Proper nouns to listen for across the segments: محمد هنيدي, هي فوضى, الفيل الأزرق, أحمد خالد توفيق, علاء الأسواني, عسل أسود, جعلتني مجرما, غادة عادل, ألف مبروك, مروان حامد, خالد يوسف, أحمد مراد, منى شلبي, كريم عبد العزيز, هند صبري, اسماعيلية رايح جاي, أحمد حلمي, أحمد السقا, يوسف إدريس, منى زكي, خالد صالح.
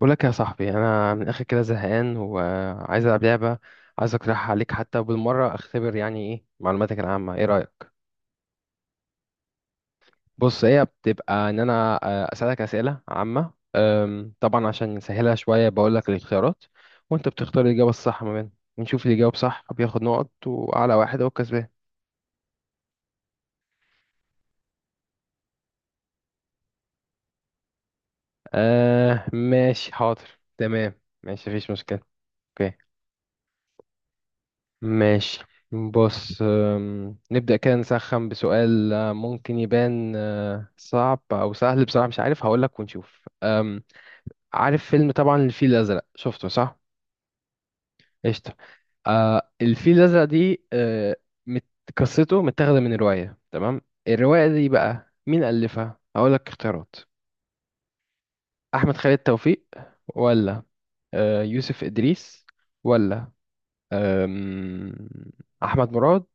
بقول لك يا صاحبي انا من الاخر كده زهقان وعايز العب لعبه. عايز اقترحها عليك حتى بالمره اختبر يعني ايه معلوماتك العامه، ايه رايك؟ بص هي بتبقى ان انا اسالك اسئله عامه، طبعا عشان نسهلها شويه بقول لك الاختيارات وانت بتختار الاجابه الصح ما بينهم ونشوف اللي يجاوب صح بياخد نقط واعلى واحد هو الكسبان. آه ماشي حاضر. تمام. ماشي مفيش مشكله. اوكي. ماشي. بص، نبدأ كده نسخن بسؤال ممكن يبان صعب أو سهل، بصراحة مش عارف هقولك ونشوف. عارف فيلم طبعا الفيل الأزرق، شفته صح؟ قشطة. الفيل الأزرق دي مت- قصته متاخدة من رواية، تمام. الرواية دي بقى مين ألفها؟ هقولك اختيارات. أحمد خالد توفيق ولا يوسف إدريس ولا أم، أحمد مراد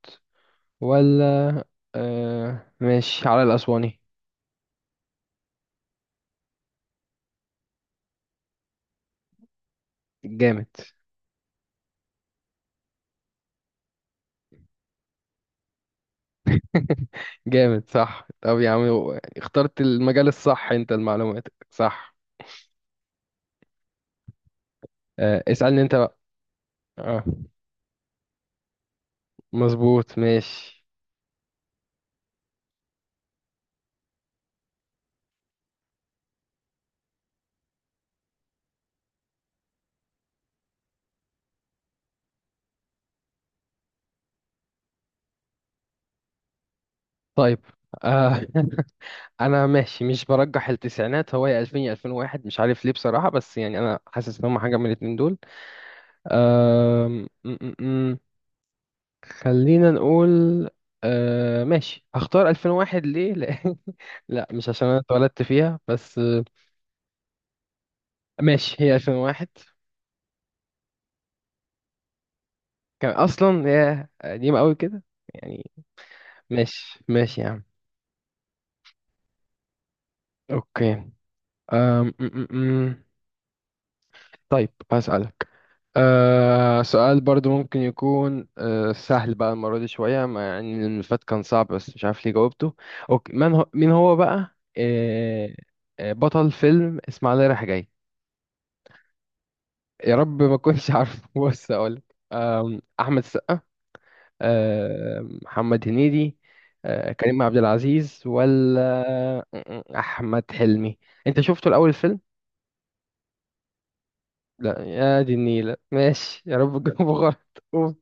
ولا آه ماشي على الأسواني. جامد. جامد صح، طب يا عم اخترت المجال الصح، انت المعلومات صح. آه اسألني انت بقى. آه مظبوط ماشي. طيب. آه. انا ماشي مش برجح التسعينات، هو يا 2000 يا 2001، مش عارف ليه بصراحة، بس يعني انا حاسس ان هم حاجة من الاتنين دول. آه خلينا نقول، آه ماشي هختار 2001. ليه؟ لأ، لا مش عشان انا اتولدت فيها، بس. ماشي هي 2001. كان اصلا هي قديمة قوي كده يعني. ماشي ماشي يا عم. اوكي. أم م -م -م. طيب هسألك أه سؤال برضو ممكن يكون أه سهل بقى المرة دي شوية، مع يعني إن اللي فات كان صعب بس مش عارف ليه جاوبته. اوكي، من هو مين هو بقى أه آه، بطل فيلم اسماعيلية رايح جاي؟ يا رب ما كنتش عارف. بص اقول احمد السقا، محمد هنيدي، كريم عبد العزيز، ولا احمد حلمي. انت شفته الاول الفيلم؟ لا يا دي النيلة، ماشي يا رب تجاوبه غلط. أوف.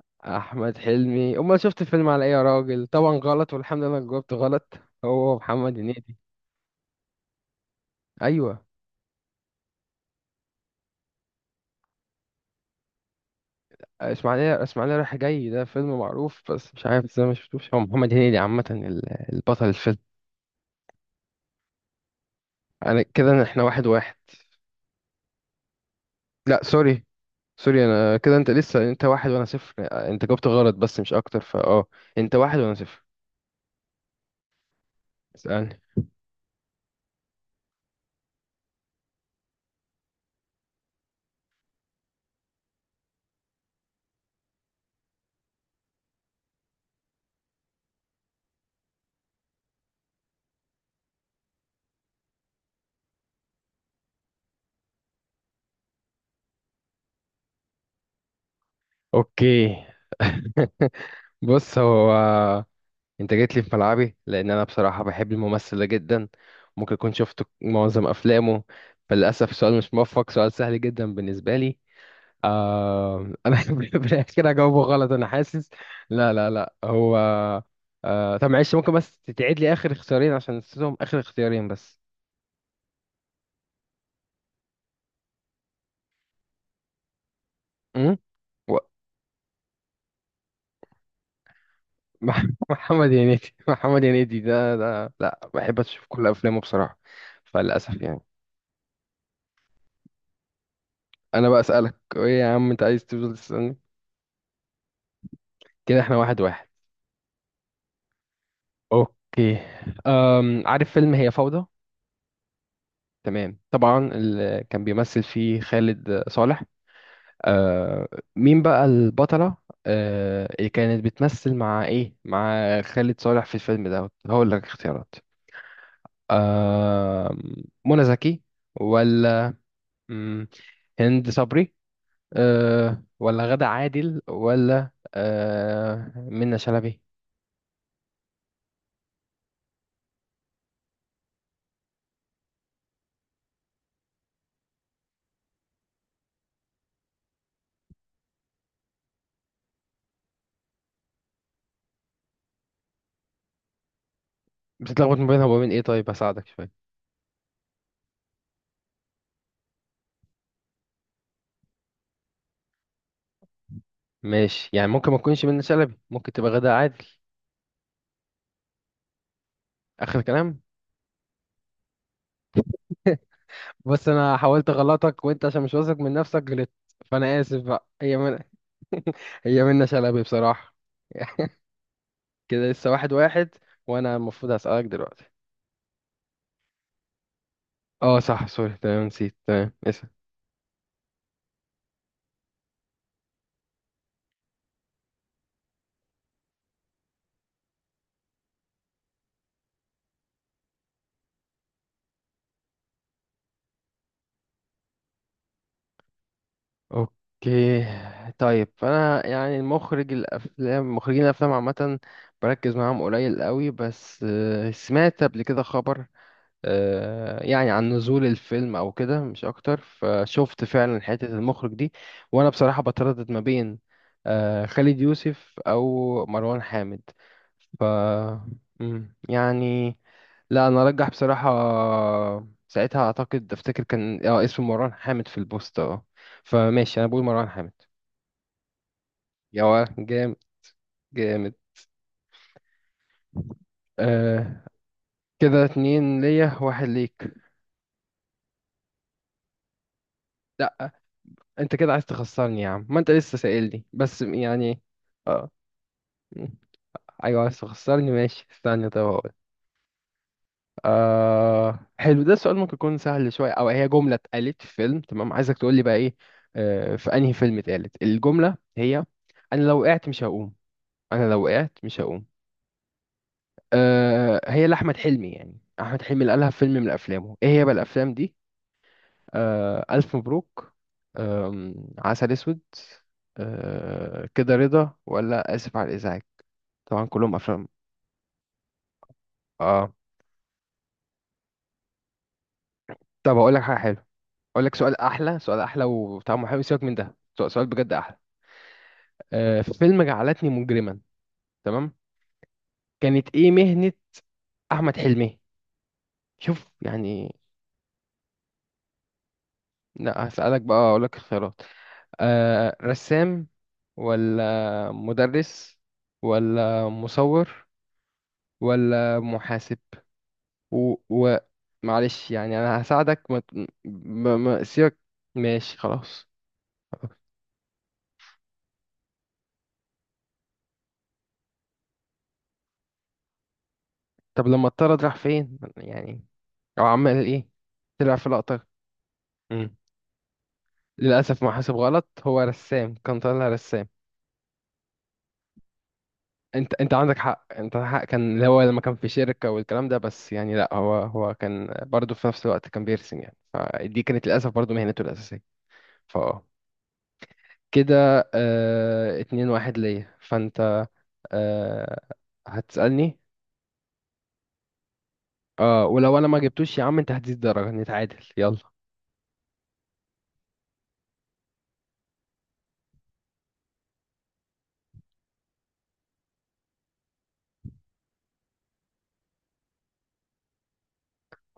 احمد حلمي؟ امال شفت الفيلم على ايه يا راجل؟ طبعا غلط، والحمد لله انك جاوبت غلط، هو محمد هنيدي. ايوه. اسماعيليه رايح جاي ده فيلم معروف، بس مش عارف ازاي ما شفتوش. هو محمد هنيدي عامه البطل الفيلم. انا كده احنا واحد واحد. لا سوري، سوري انا كده انت لسه، انت واحد وانا صفر، انت جاوبت غلط بس مش اكتر فاه. انت واحد وانا صفر. اسألني. اوكي. بص هو، انت جيت لي في ملعبي لان انا بصراحة بحب الممثل ده جدا، ممكن اكون شفت معظم افلامه. فللاسف السؤال مش موفق، سؤال سهل جدا بالنسبة لي. آه انا بالعكس كده هجاوبه غلط انا حاسس. لا هو آه، طب معلش ممكن بس تعيد لي اخر اختيارين عشان نسيتهم، اخر اختيارين بس. امم. و... محمد هنيدي ده لا بحب اشوف كل افلامه بصراحة، فللاسف يعني. انا بقى اسالك، ايه يا عم انت عايز تفضل تسالني؟ كده احنا واحد واحد. اوكي، أم عارف فيلم هي فوضى؟ تمام طبعا اللي كان بيمثل فيه خالد صالح. آه، مين بقى البطلة؟ آه اللي كانت بتمثل مع ايه مع خالد صالح في الفيلم ده؟ هقول لك اختيارات. آه منى زكي، ولا مم، هند صبري، آه ولا غادة عادل، ولا آه منى شلبي. بتتلخبط ما بينها وبين ايه؟ طيب هساعدك شوية. ماشي، يعني ممكن ما تكونش منى شلبي، ممكن تبقى غادة عادل؟ اخر كلام. بس انا حاولت اغلطك وانت عشان مش واثق من نفسك غلطت. فانا اسف بقى، هي، هي منة شلبي بصراحة. كده لسه واحد واحد، وأنا المفروض هسألك دلوقتي. اه صح سوري تمام نسيت، تمام اسأل. اوكي. طيب فأنا يعني المخرج الأفلام مخرجين الأفلام عامة بركز معاهم قليل قوي، بس آه، سمعت قبل كده خبر يعني عن نزول الفيلم او كده مش اكتر، فشفت فعلا حتة المخرج دي. وانا بصراحة بتردد ما بين خالد يوسف او مروان حامد. ف يعني لا انا ارجح بصراحة، ساعتها اعتقد افتكر كان اه اسم مروان حامد في البوست اه. فماشي انا بقول مروان حامد. يا جامد، جامد. آه كده اتنين ليا واحد ليك. لا انت كده عايز تخسرني يا عم، ما انت لسه سائلني بس يعني. اه م. ايوه عايز تخسرني، ماشي استنى طب اقول. آه حلو ده السؤال ممكن يكون سهل شويه، او هي جمله اتقالت في فيلم تمام، عايزك تقول لي بقى. ايه في انهي فيلم اتقالت الجمله؟ هي انا لو وقعت مش هقوم، انا لو وقعت مش هقوم آه هي لاحمد حلمي، يعني احمد حلمي اللي قالها في فيلم من افلامه، ايه هي بقى الافلام دي؟ آه ألف مبروك، عسل أسود، آه كده رضا، ولا آسف على الإزعاج. طبعا كلهم أفلام. آه طب هقول لك حاجة حلوة، أقول لك سؤال أحلى، وطعمه حلو، سيبك من ده، سؤال بجد أحلى. آه فيلم جعلتني مجرما، تمام، كانت إيه مهنة أحمد حلمي؟ شوف يعني. لا هسألك بقى، أقول لك الخيارات. آه رسام، ولا مدرس، ولا مصور، ولا محاسب. و... و... معلش يعني انا هساعدك ما سيبك. ماشي خلاص. طب لما اضطرد راح فين يعني، او عمل ايه؟ طلع في لقطة. مم. للاسف ما حسب غلط، هو رسام، كان طالع رسام. انت عندك حق، انت حق كان اللي هو لما كان في شركة والكلام ده، بس يعني لا هو كان برضه في نفس الوقت كان بيرسم يعني، فدي كانت للاسف برضه مهنته الاساسية. ف كده اه... اتنين واحد ليا فانت آه، هتسألني. اه، ولو انا ما جبتوش يا عم انت هتزيد درجة نتعادل يلا.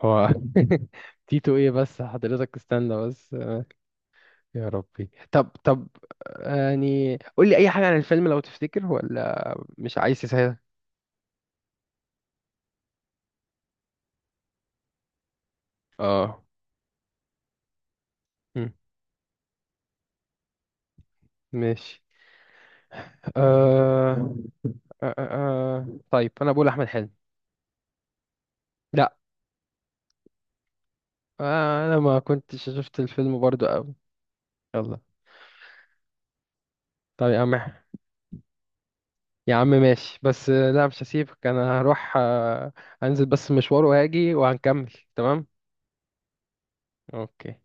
هو تيتو ايه بس حضرتك؟ استنى بس، يا ربي طب طب، يعني قول لي اي حاجة عن الفيلم لو تفتكر، ولا مش عايز تسهل؟ اه. مم. ماشي، آه... طيب انا بقول احمد حلمي. لا. آه انا ما كنتش شفت الفيلم برضو قوي. يلا. طب يا عم، يا عم ماشي، بس آه، لا مش هسيبك، انا هروح انزل بس مشوار وهاجي وهنكمل تمام. اوكي.